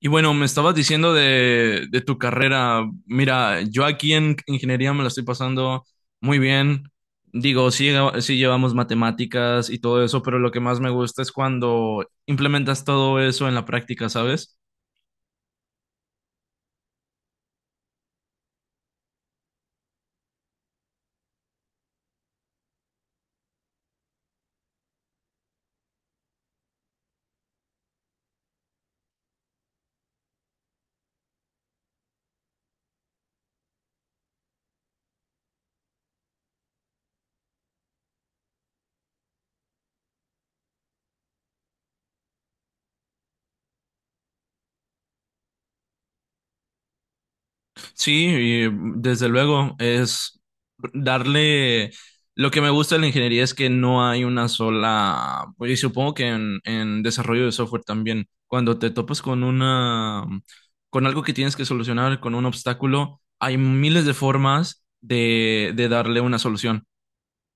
Y bueno, me estabas diciendo de tu carrera. Mira, yo aquí en ingeniería me la estoy pasando muy bien. Digo, sí, sí llevamos matemáticas y todo eso, pero lo que más me gusta es cuando implementas todo eso en la práctica, ¿sabes? Sí, y desde luego es darle... Lo que me gusta de la ingeniería es que no hay una sola... pues, y supongo que en desarrollo de software también, cuando te topas con una... con algo que tienes que solucionar, con un obstáculo, hay miles de formas de darle una solución,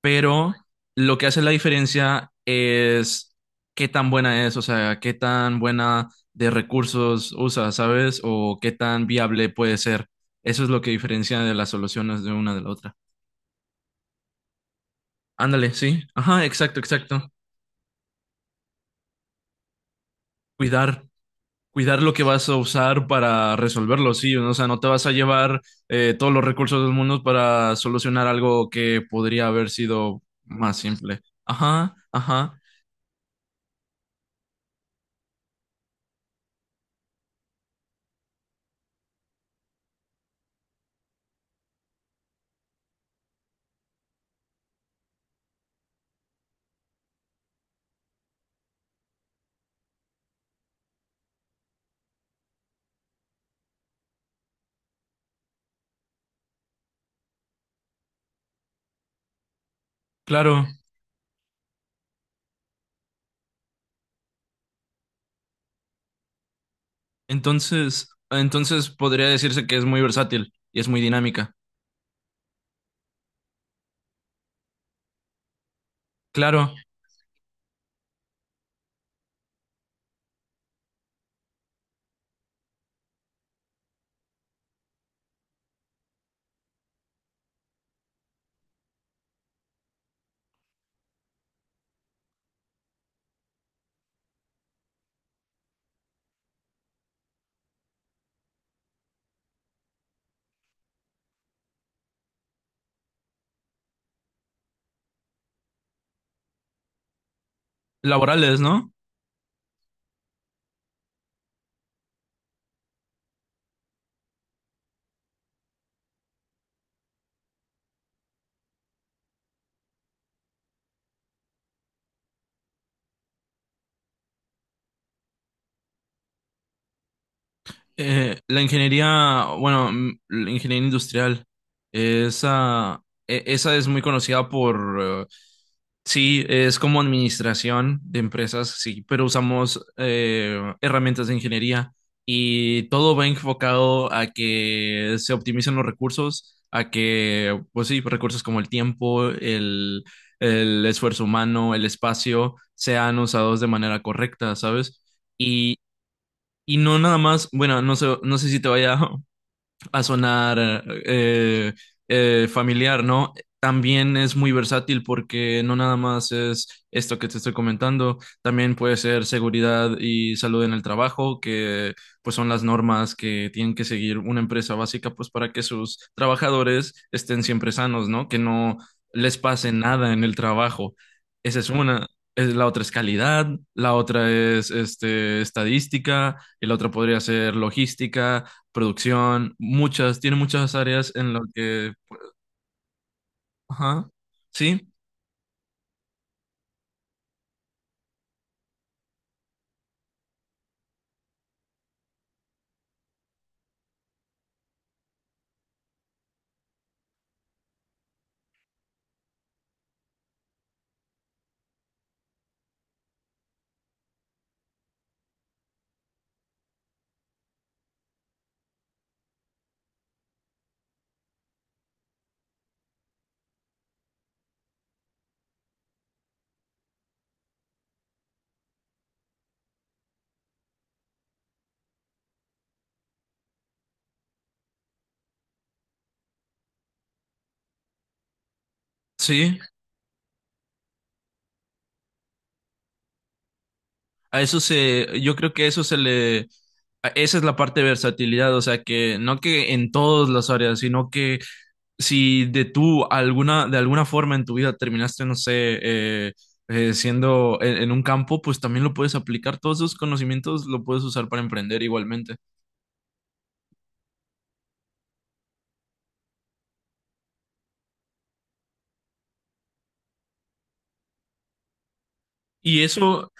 pero lo que hace la diferencia es qué tan buena es, o sea, qué tan buena de recursos usa, ¿sabes? O qué tan viable puede ser. Eso es lo que diferencia de las soluciones de una de la otra. Ándale, sí. Ajá, exacto, exacto. Cuidar, cuidar lo que vas a usar para resolverlo, sí. O sea, no te vas a llevar todos los recursos del mundo para solucionar algo que podría haber sido más simple. Ajá, ajá, claro. Entonces, entonces podría decirse que es muy versátil y es muy dinámica. Claro, laborales, ¿no? La ingeniería, bueno, la ingeniería industrial, esa, esa es muy conocida por, sí, es como administración de empresas, sí, pero usamos herramientas de ingeniería y todo va enfocado a que se optimicen los recursos, a que, pues sí, recursos como el tiempo, el esfuerzo humano, el espacio, sean usados de manera correcta, ¿sabes? Y no nada más, bueno, no sé, no sé si te vaya va a sonar familiar, ¿no? También es muy versátil porque no nada más es esto que te estoy comentando, también puede ser seguridad y salud en el trabajo, que pues son las normas que tienen que seguir una empresa básica pues para que sus trabajadores estén siempre sanos, ¿no? Que no les pase nada en el trabajo. Esa es una. Es, la otra es calidad, la otra es este, estadística, y la otra podría ser logística producción, muchas, tiene muchas áreas en las que, ajá, sí, sí, a eso se, yo creo que eso se le, esa es la parte de versatilidad, o sea que no que en todas las áreas, sino que si de tú alguna, de alguna forma en tu vida terminaste, no sé, siendo en un campo, pues también lo puedes aplicar, todos esos conocimientos lo puedes usar para emprender igualmente. Y eso,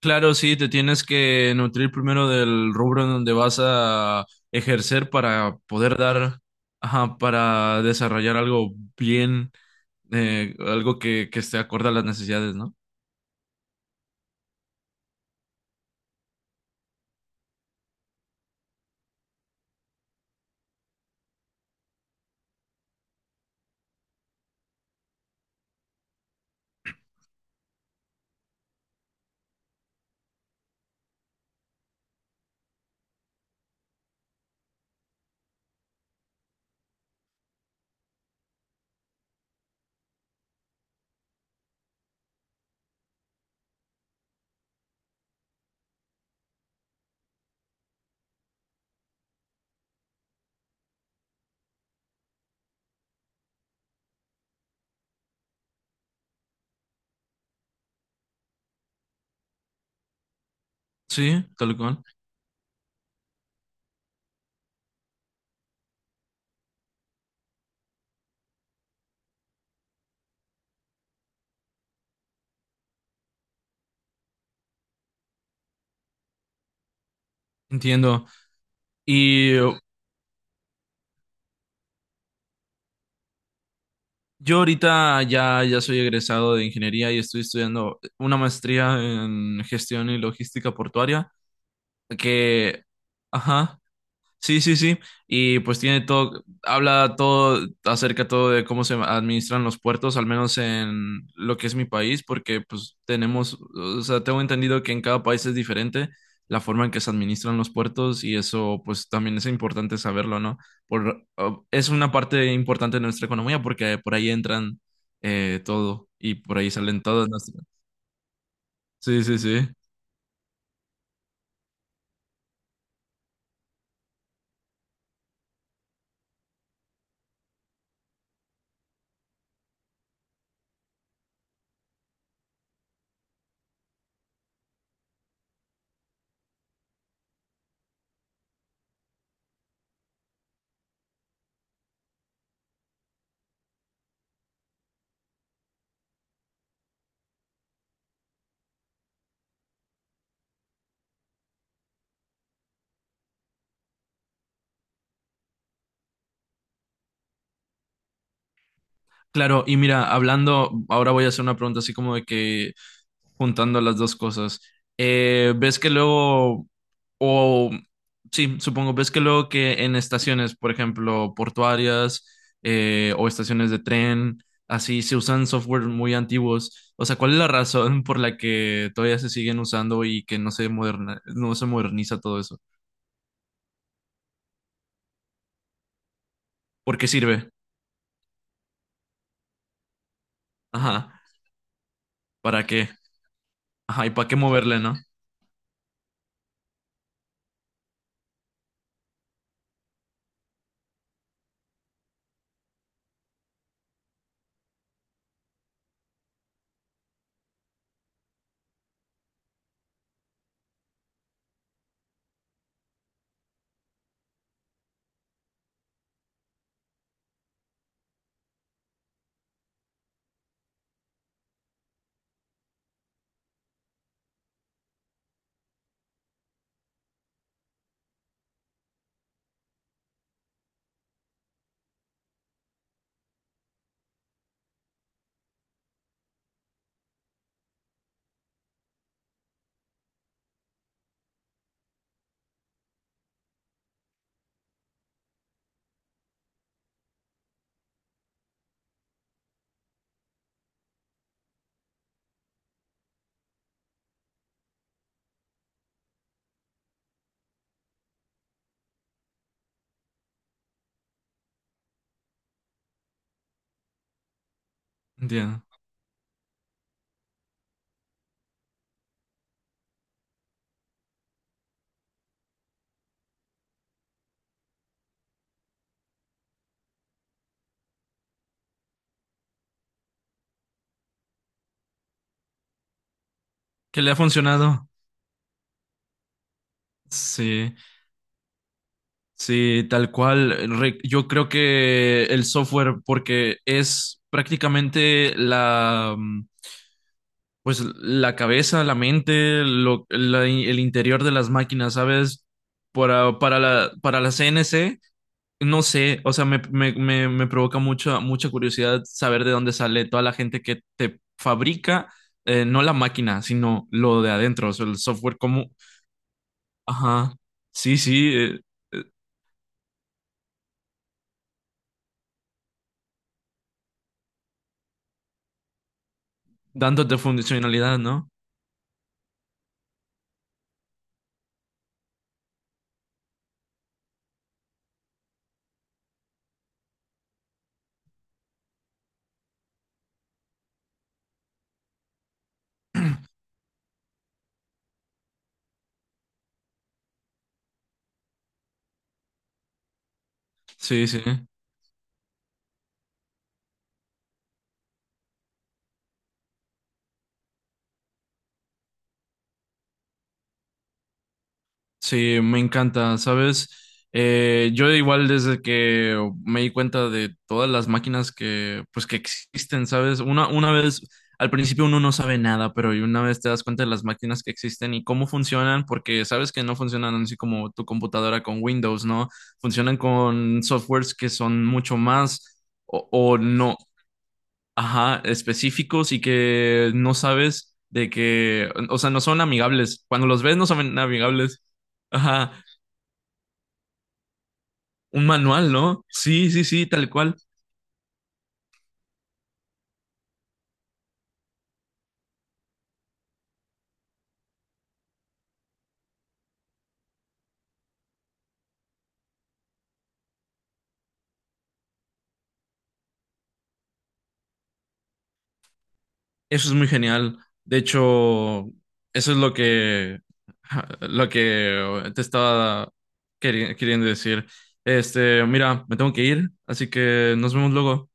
claro, sí, te tienes que nutrir primero del rubro en donde vas a ejercer para poder dar, ajá, para desarrollar algo bien, algo que esté acorde a las necesidades, ¿no? Sí, tal cual. Entiendo. Y yo ahorita ya, ya soy egresado de ingeniería y estoy estudiando una maestría en gestión y logística portuaria, que, ajá. Sí, sí, sí. Y pues tiene todo, habla todo acerca todo de cómo se administran los puertos, al menos en lo que es mi país, porque pues tenemos, o sea, tengo entendido que en cada país es diferente la forma en que se administran los puertos y eso pues también es importante saberlo, ¿no? Por, o- es una parte importante de nuestra economía porque por ahí entran todo y por ahí salen todas nuestras. Sí, sí, sí. Claro, y mira, hablando, ahora voy a hacer una pregunta así como de que juntando las dos cosas. ¿Ves que luego, o sí, supongo, ves que luego que en estaciones, por ejemplo, portuarias o estaciones de tren, así se usan software muy antiguos? O sea, ¿cuál es la razón por la que todavía se siguen usando y que no se moderna, no se moderniza todo eso? ¿Por qué sirve? Ajá, ¿para qué? Ajá, ¿y para qué moverle, no? Entiendo. ¿Qué le ha funcionado? Sí. Sí, tal cual. Re- yo creo que el software, porque es prácticamente la, pues la cabeza, la mente, lo- el interior de las máquinas, ¿sabes? Para la CNC, no sé, o sea, me provoca mucha curiosidad saber de dónde sale toda la gente que te fabrica, no la máquina, sino lo de adentro, o sea, el software como, ajá, sí, sí, eh, dándote funcionalidad, ¿no? Sí, sí, sí, me encanta, ¿sabes? Yo igual desde que me di cuenta de todas las máquinas que, pues, que existen, ¿sabes? Una vez, al principio uno no sabe nada, pero una vez te das cuenta de las máquinas que existen y cómo funcionan, porque sabes que no funcionan así como tu computadora con Windows, ¿no? Funcionan con softwares que son mucho más o no, ajá, específicos y que no sabes de que, o sea, no son amigables. Cuando los ves no son amigables. Ajá, un manual, ¿no? Sí, sí, sí, tal cual. Eso es muy genial. De hecho, eso es lo que, ja, lo que te estaba queri- queriendo decir. Este, mira, me tengo que ir, así que nos vemos luego.